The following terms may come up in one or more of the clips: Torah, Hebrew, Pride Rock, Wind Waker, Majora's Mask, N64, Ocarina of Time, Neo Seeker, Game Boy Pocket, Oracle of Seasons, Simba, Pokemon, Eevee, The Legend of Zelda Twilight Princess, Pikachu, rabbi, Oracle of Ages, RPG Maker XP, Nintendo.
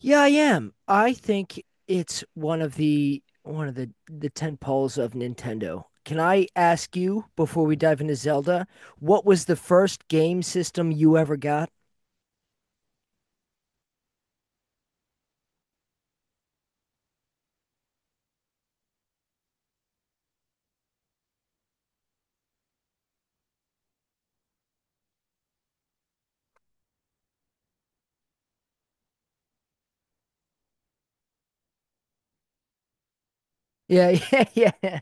Yeah, I am. I think it's one of the tent poles of Nintendo. Can I ask you before we dive into Zelda, what was the first game system you ever got? Yeah, yeah.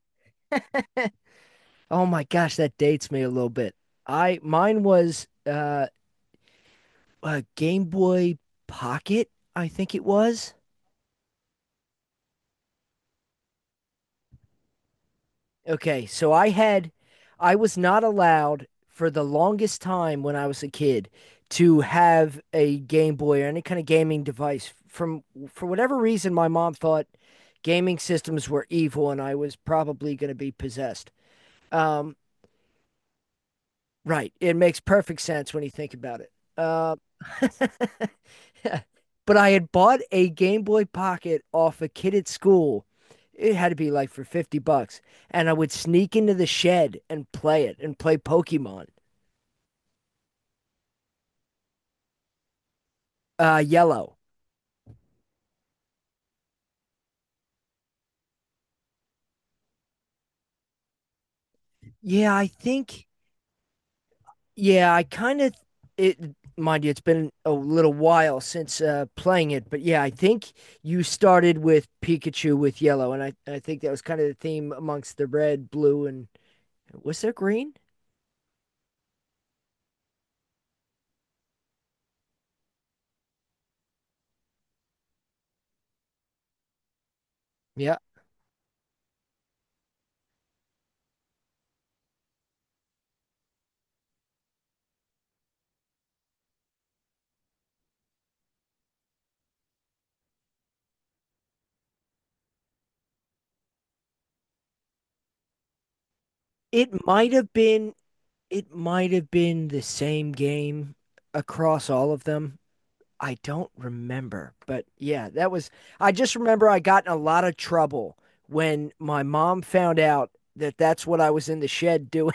Oh my gosh, that dates me a little bit. I mine was a Game Boy Pocket, I think it was. Okay, so I had I was not allowed for the longest time when I was a kid to have a Game Boy or any kind of gaming device. From For whatever reason, my mom thought gaming systems were evil and I was probably going to be possessed. Um, right. It makes perfect sense when you think about it. Uh, but I had bought a Game Boy Pocket off a kid at school. It had to be like for $50. And I would sneak into the shed and play it and play Pokemon, Yellow. Yeah, I think, yeah, I kind of, it, mind you, it's been a little while since playing it. But yeah, I think you started with Pikachu with Yellow. And I think that was kind of the theme amongst the red, blue, and was there green? Yeah. It might have been it might have been the same game across all of them. I don't remember, but yeah, that was. I just remember I got in a lot of trouble when my mom found out that that's what I was in the shed doing.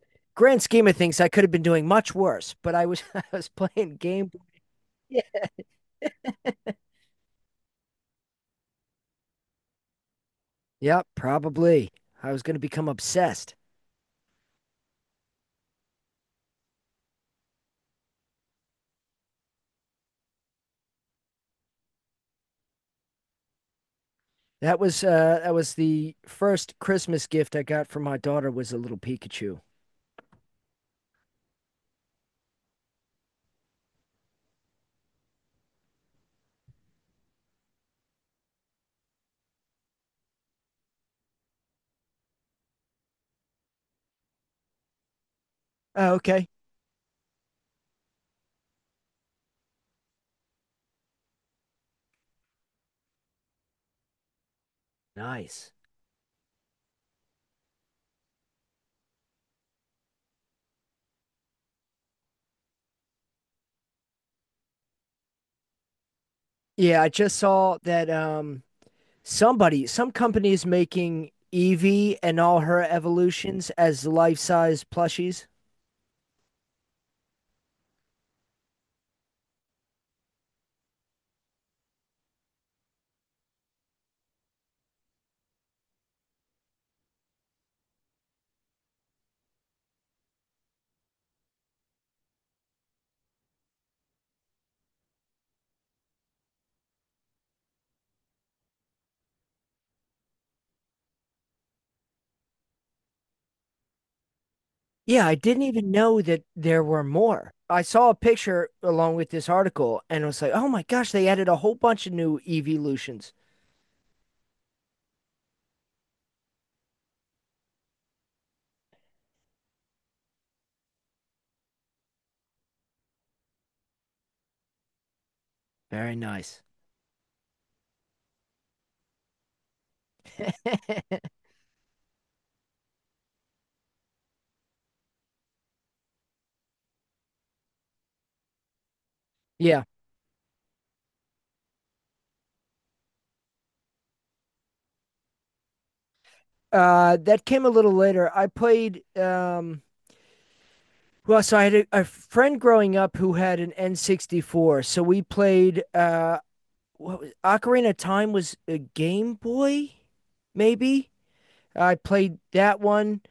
Grand scheme of things, I could have been doing much worse, but I was I was playing game. Yeah, yep, probably. I was going to become obsessed. That was the first Christmas gift I got from my daughter, was a little Pikachu. Oh, okay. Nice. Yeah, I just saw that somebody, some company is making Evie and all her evolutions as life-size plushies. Yeah, I didn't even know that there were more. I saw a picture along with this article and was like, "Oh my gosh, they added a whole bunch of new evolutions." Very nice. Yeah. That came a little later. I played well, so I had a friend growing up who had an N64. So we played what was Ocarina of Time was a Game Boy, maybe. I played that one.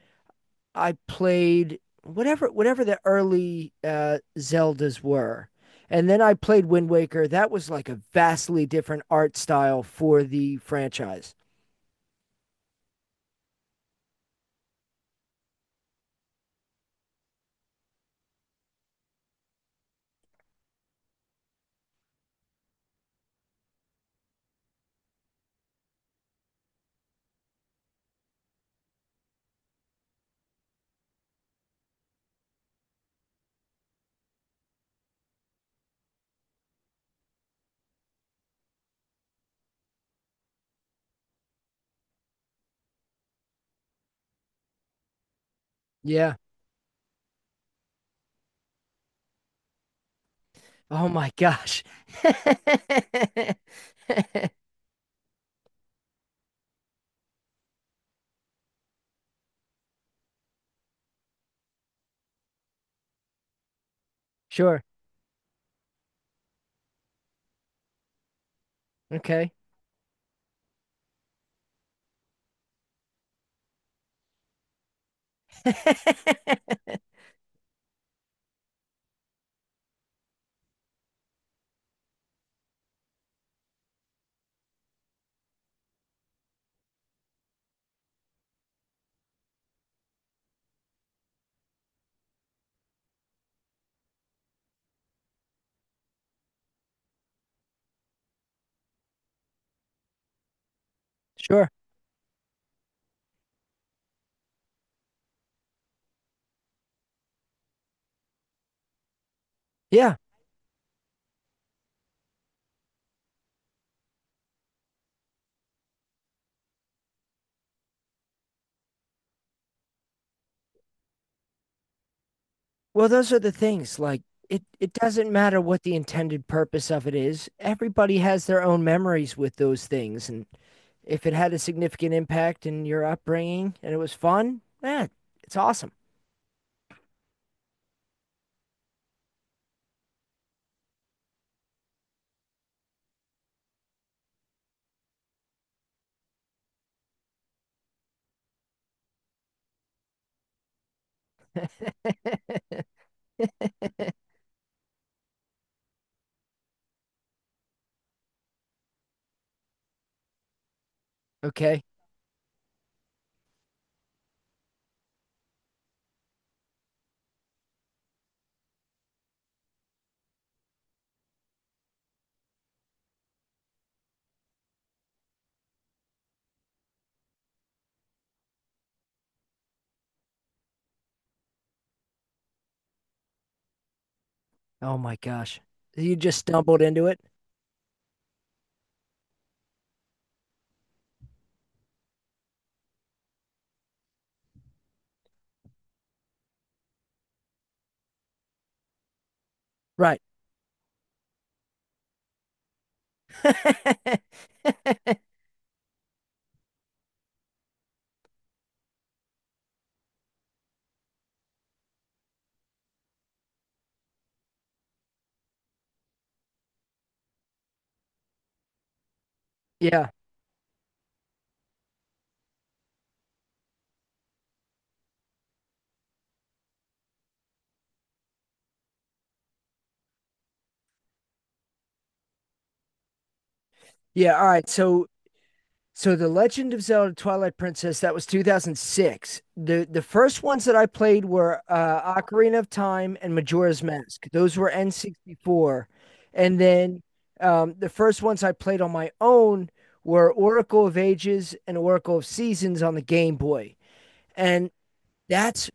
I played whatever the early Zeldas were, and then I played Wind Waker. That was like a vastly different art style for the franchise. Yeah. Oh my gosh. Sure. Okay. Sure. Yeah. Well, those are the things like it doesn't matter what the intended purpose of it is. Everybody has their own memories with those things, and if it had a significant impact in your upbringing and it was fun, eh, it's awesome. Okay. Oh my gosh. You just stumbled into it. Right. Yeah. Yeah. All right. So so the Legend of Zelda Twilight Princess, that was 2006. The first ones that I played were Ocarina of Time and Majora's Mask. Those were N64. And then the first ones I played on my own were Oracle of Ages and Oracle of Seasons on the Game Boy. And that's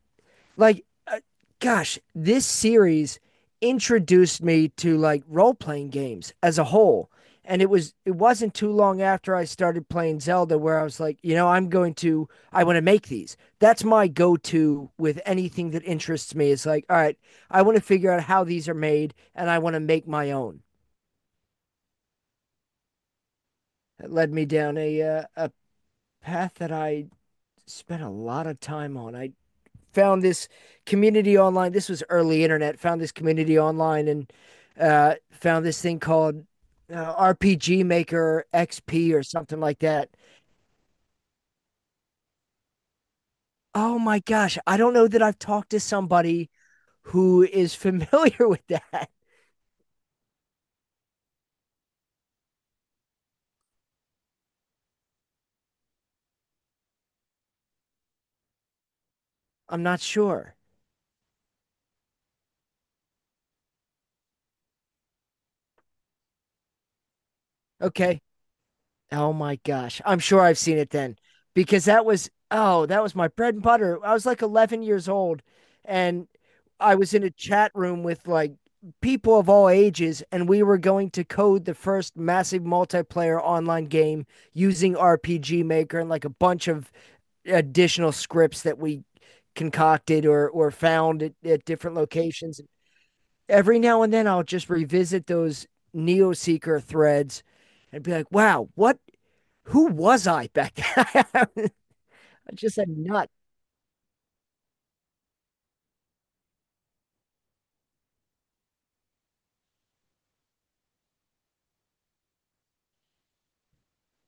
like gosh, this series introduced me to like role-playing games as a whole, and it wasn't too long after I started playing Zelda where I was like, you know, I want to make these. That's my go-to with anything that interests me. It's like, all right, I want to figure out how these are made and I want to make my own. It led me down a path that I spent a lot of time on. I found this community online. This was early internet. Found this community online and found this thing called, RPG Maker XP or something like that. Oh my gosh, I don't know that I've talked to somebody who is familiar with that. I'm not sure. Okay. Oh my gosh. I'm sure I've seen it then, because that was, oh, that was my bread and butter. I was like 11 years old, and I was in a chat room with like people of all ages, and we were going to code the first massive multiplayer online game using RPG Maker and like a bunch of additional scripts that we concocted or found at different locations. Every now and then I'll just revisit those Neo Seeker threads and be like, wow, what who was I back then? I was just a nut.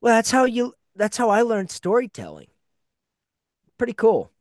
Well, that's how I learned storytelling. Pretty cool.